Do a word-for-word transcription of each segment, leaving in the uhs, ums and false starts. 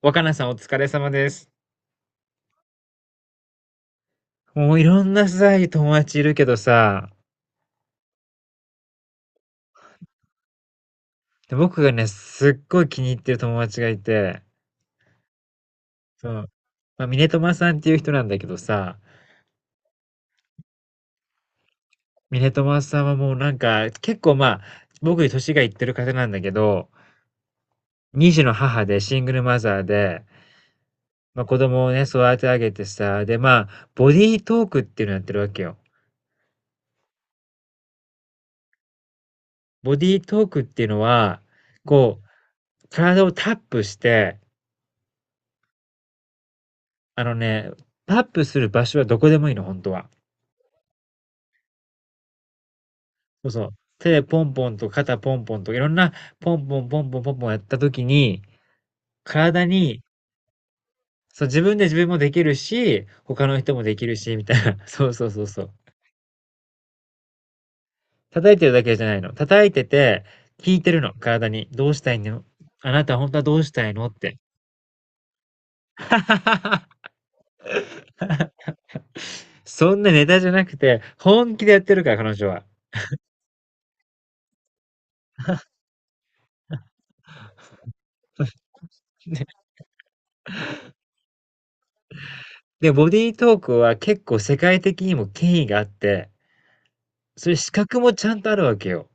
若菜さんお疲れ様です。もういろんなさ、友達いるけどさ、で僕がね、すっごい気に入ってる友達がいて、そう、まあ、ミネトマさんっていう人なんだけどさ、ミネトマさんはもうなんか、結構まあ、僕より年がいってる方なんだけど、二児の母でシングルマザーで、ま、子供をね、育て上げてさ、で、まあ、ボディートークっていうのやってるわけよ。ボディートークっていうのは、こう、体をタップしてあのね、タップする場所はどこでもいいの、本当は。そうそう。手でポンポンと肩ポンポンといろんなポンポンポンポンポンポンやった時に、体に、そう、自分で自分もできるし、他の人もできるしみたいな。そうそうそうそう。叩いてるだけじゃないの。叩いてて、聞いてるの、体に。どうしたいの、あなた本当はどうしたいのって。そんなネタじゃなくて、本気でやってるから、彼女は。で、ボディートークは結構世界的にも権威があって、そういう資格もちゃんとあるわけよ。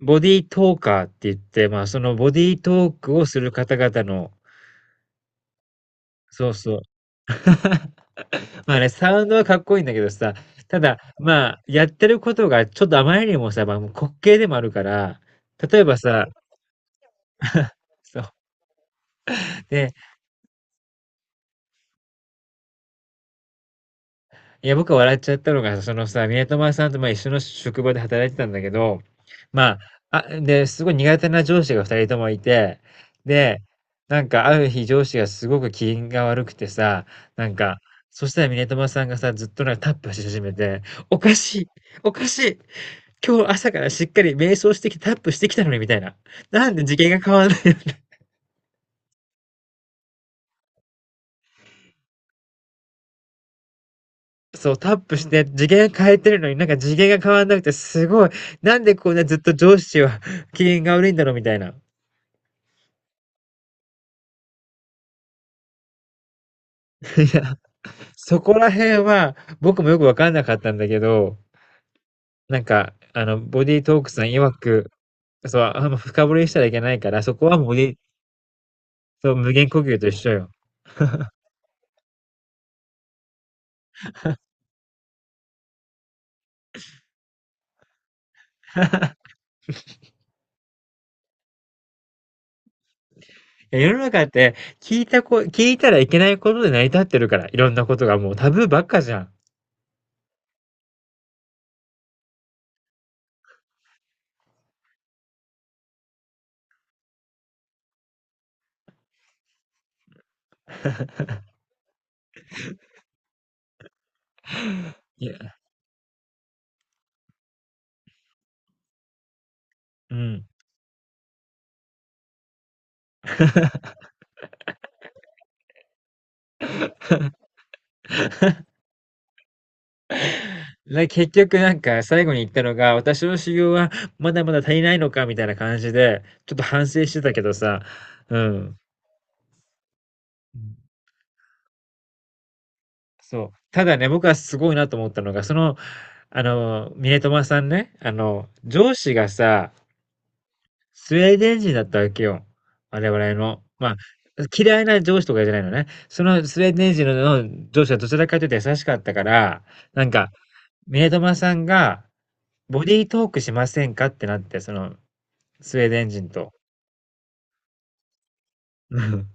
ボディートーカーって言って、まあ、そのボディートークをする方々の。そうそう。まあね、サウンドはかっこいいんだけどさ、ただ、まあ、やってることがちょっとあまりにもさ、まあ、もう滑稽でもあるから、例えばさ、そう、ね、いや、僕は笑っちゃったのが、そのさ、宮友さんとまあ一緒の職場で働いてたんだけど、まあ、あ、で、すごい苦手な上司が二人ともいて、で、なんかある日上司がすごく機嫌が悪くてさ、なんか、そしたら宮友さんがさ、ずっとなんかタップし始めて、おかしい、おかしい、今日朝からしっかり瞑想してきてタップしてきたのにみたいな。なんで次元が変わんないの。そう、タップして、次元変えてるのになんか次元が変わんなくて、すごい、なんでこんなずっと上司は 機嫌が悪いんだろうみたいな。いや、そこら辺は僕もよくわかんなかったんだけど、なんか、あの、ボディートークさん曰く、そう、あんま深掘りしたらいけないから、そこはもうボディ、そう、無限呼吸と一緒よ。いや、世の中って聞いたこ、聞いたらいけないことで成り立ってるから、いろんなことがもうタブーばっかじゃん。いや、うん。な、結局なんか最後に言ったのが、私の修行はまだまだ足りないのかみたいな感じで、ちょっと反省してたけどさ、うん。そう。ただね、僕はすごいなと思ったのが、その、あの、ミネトマさんね、あの、上司がさ、スウェーデン人だったわけよ。我々の。まあ、嫌いな上司とかじゃないのね。そのスウェーデン人の上司はどちらかというと優しかったから、なんか、ミネトマさんが、ボディートークしませんかってなって、その、スウェーデン人と。うん。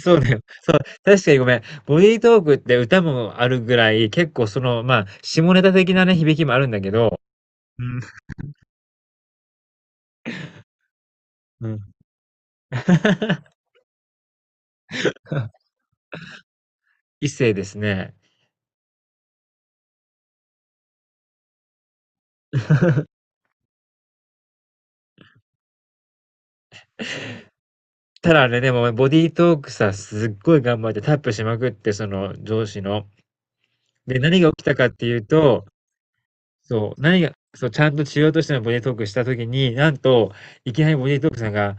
そうだよ。そう、確かにごめん。ボディートークって歌もあるぐらい、結構その、まあ、下ネタ的なね、響きもあるんだけど。うん、うん。異性ですね。ただあれでもボディートークさ、すっごい頑張ってタップしまくって、その上司の。で、何が起きたかっていうと、そう、何が、そう、ちゃんとしようとしてのボディートークした時に、なんと、いきなりボディートークさんが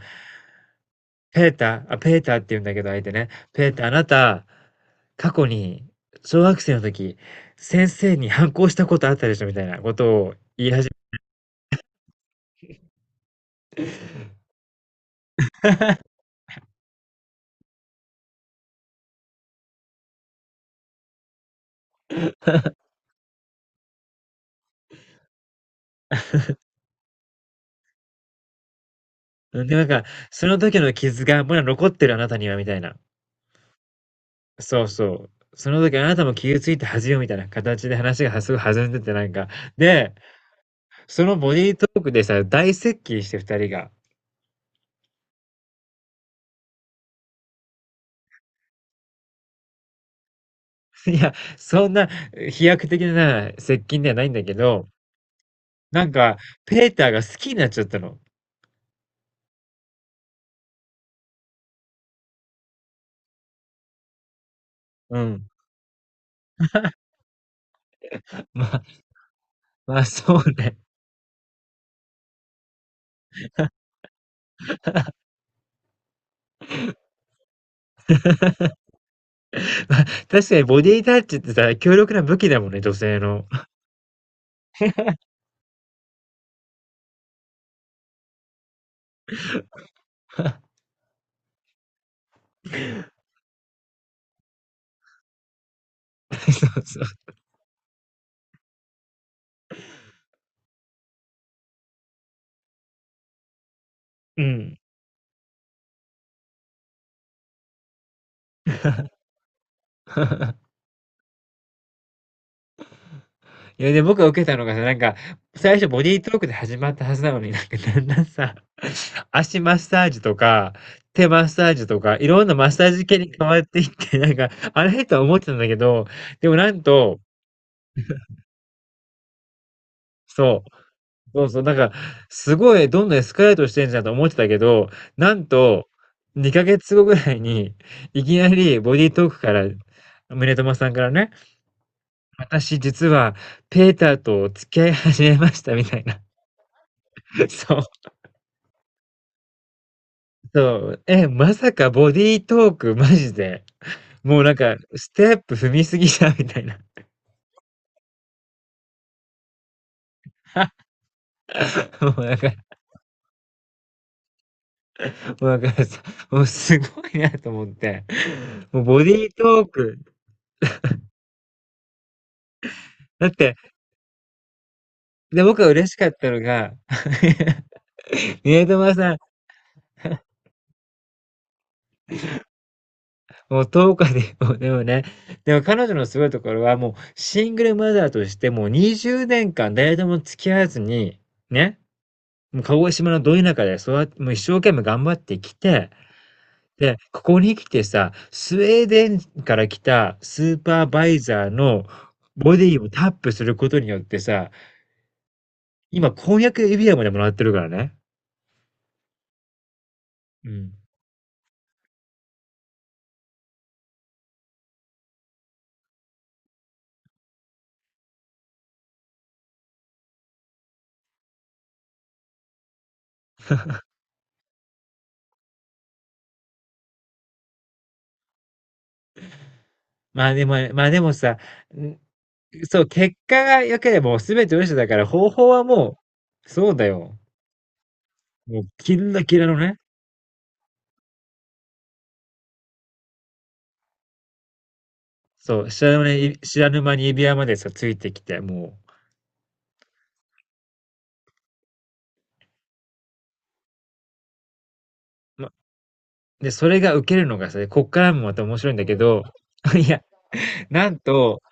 ペーター、あ、ペーターって言うんだけど、相手ね。ペーター、あなた、過去に、小学生の時、先生に反抗したことあったでしょみたいなことを。うんで、なんか、その時の傷がまだ残ってるあなたには、みたいな。そうそう。その時あなたも傷ついて恥よ、みたいな形で話がすごい弾んでて、なんか。で、そのボディートークでさ、大接近して二人が。いや、そんな飛躍的な接近ではないんだけど、なんか、ペーターが好きになっちゃったの。うん。まあ まあ、そうね。まあ、確かにボディタッチってさ、強力な武器だもんね、女性の。そうそう。うん。いや、で、僕が受けたのがさ、なんか、最初ボディートークで始まったはずなのに、なんかだんだんさ、足マッサージとか、手マッサージとか、いろんなマッサージ系に変わっていって、なんか、あれ？とは思ってたんだけど、でもなんと、そう。そうそう、なんか、すごいどんどんエスカレートしてんじゃんと思ってたけど、なんと、にかげつごぐらいに、いきなりボディートークから、宗友さんからね、私実はペーターと付き合い始めましたみたいな。そう、そう。え、まさかボディートークマジで、もうなんか、ステップ踏みすぎじゃんみたいな。もうなんか、もうなんかさ、もうすごいなと思って。もうボディートーク。だってで、僕は嬉しかったのが、宮友さん、もうとおかで、もうでもね、でも彼女のすごいところは、もうシングルマザーとして、もうにじゅうねんかん誰とも付き合わずに、ね、もう鹿児島のど田舎で、そうやって、もう一生懸命頑張ってきて、で、ここに来てさ、スウェーデンから来たスーパーバイザーのボディをタップすることによってさ、今、婚約指輪までもらってるからね。うん。まあでも、まあでもさ、そう、結果が良ければもう全て嘘だから、方法はもう、そうだよ。もう、キンラキラのね、そう、知らぬね、知らぬ間に指輪までさ、ついてきて、もう、ま、で、それが受けるのがさ、こっからもまた面白いんだけど、いや、なんと、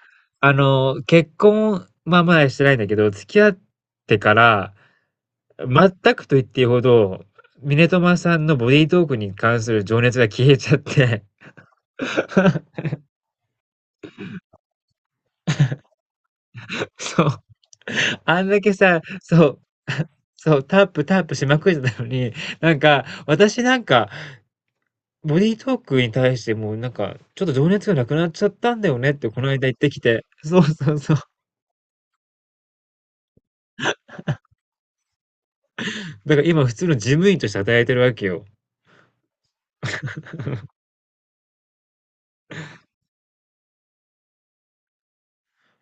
あの、結婚、まあまだしてないんだけど、付き合ってから、全くと言っていいほど、ミネトマさんのボディートークに関する情熱が消えちゃって、そう。あんだけさ、そう、そう、タップタップしまくってたのに、なんか、私なんか、ボディートークに対してもうなんか、ちょっと情熱がなくなっちゃったんだよねって、この間言ってきて。そうそうそう。だから今普通の事務員として働いてるわけよ。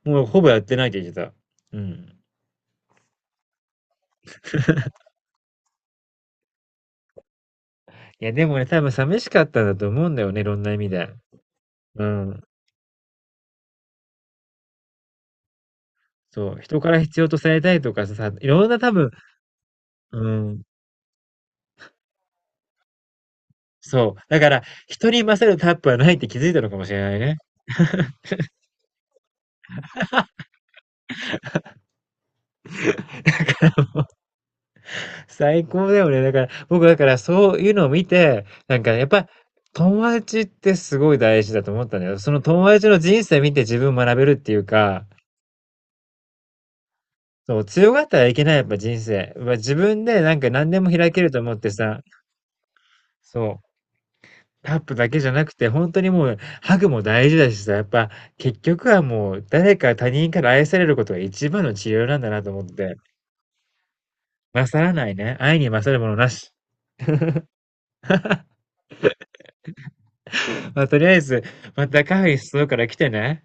もうほぼやってないって言ってた。うん。いや、でもね、多分寂しかったんだと思うんだよね、いろんな意味で。うん。そう、人から必要とされたいとかさ、いろんな多分、うん。そう。だから、人に勝るタップはないって気づいたのかもしれないね。最高だよね。だから、僕だからそういうのを見て、なんかねやっぱ友達ってすごい大事だと思ったんだよ。その友達の人生見て自分学べるっていうか、そう、強がったらいけない、やっぱ人生。まあ自分でなんか何でも開けると思ってさ、そう、タップだけじゃなくて、本当にもうハグも大事だしさ、やっぱ結局はもう誰か他人から愛されることが一番の治療なんだなと思って、勝らないね。愛に勝るものなし。まあとりあえず、またカフェに誘うから来てね。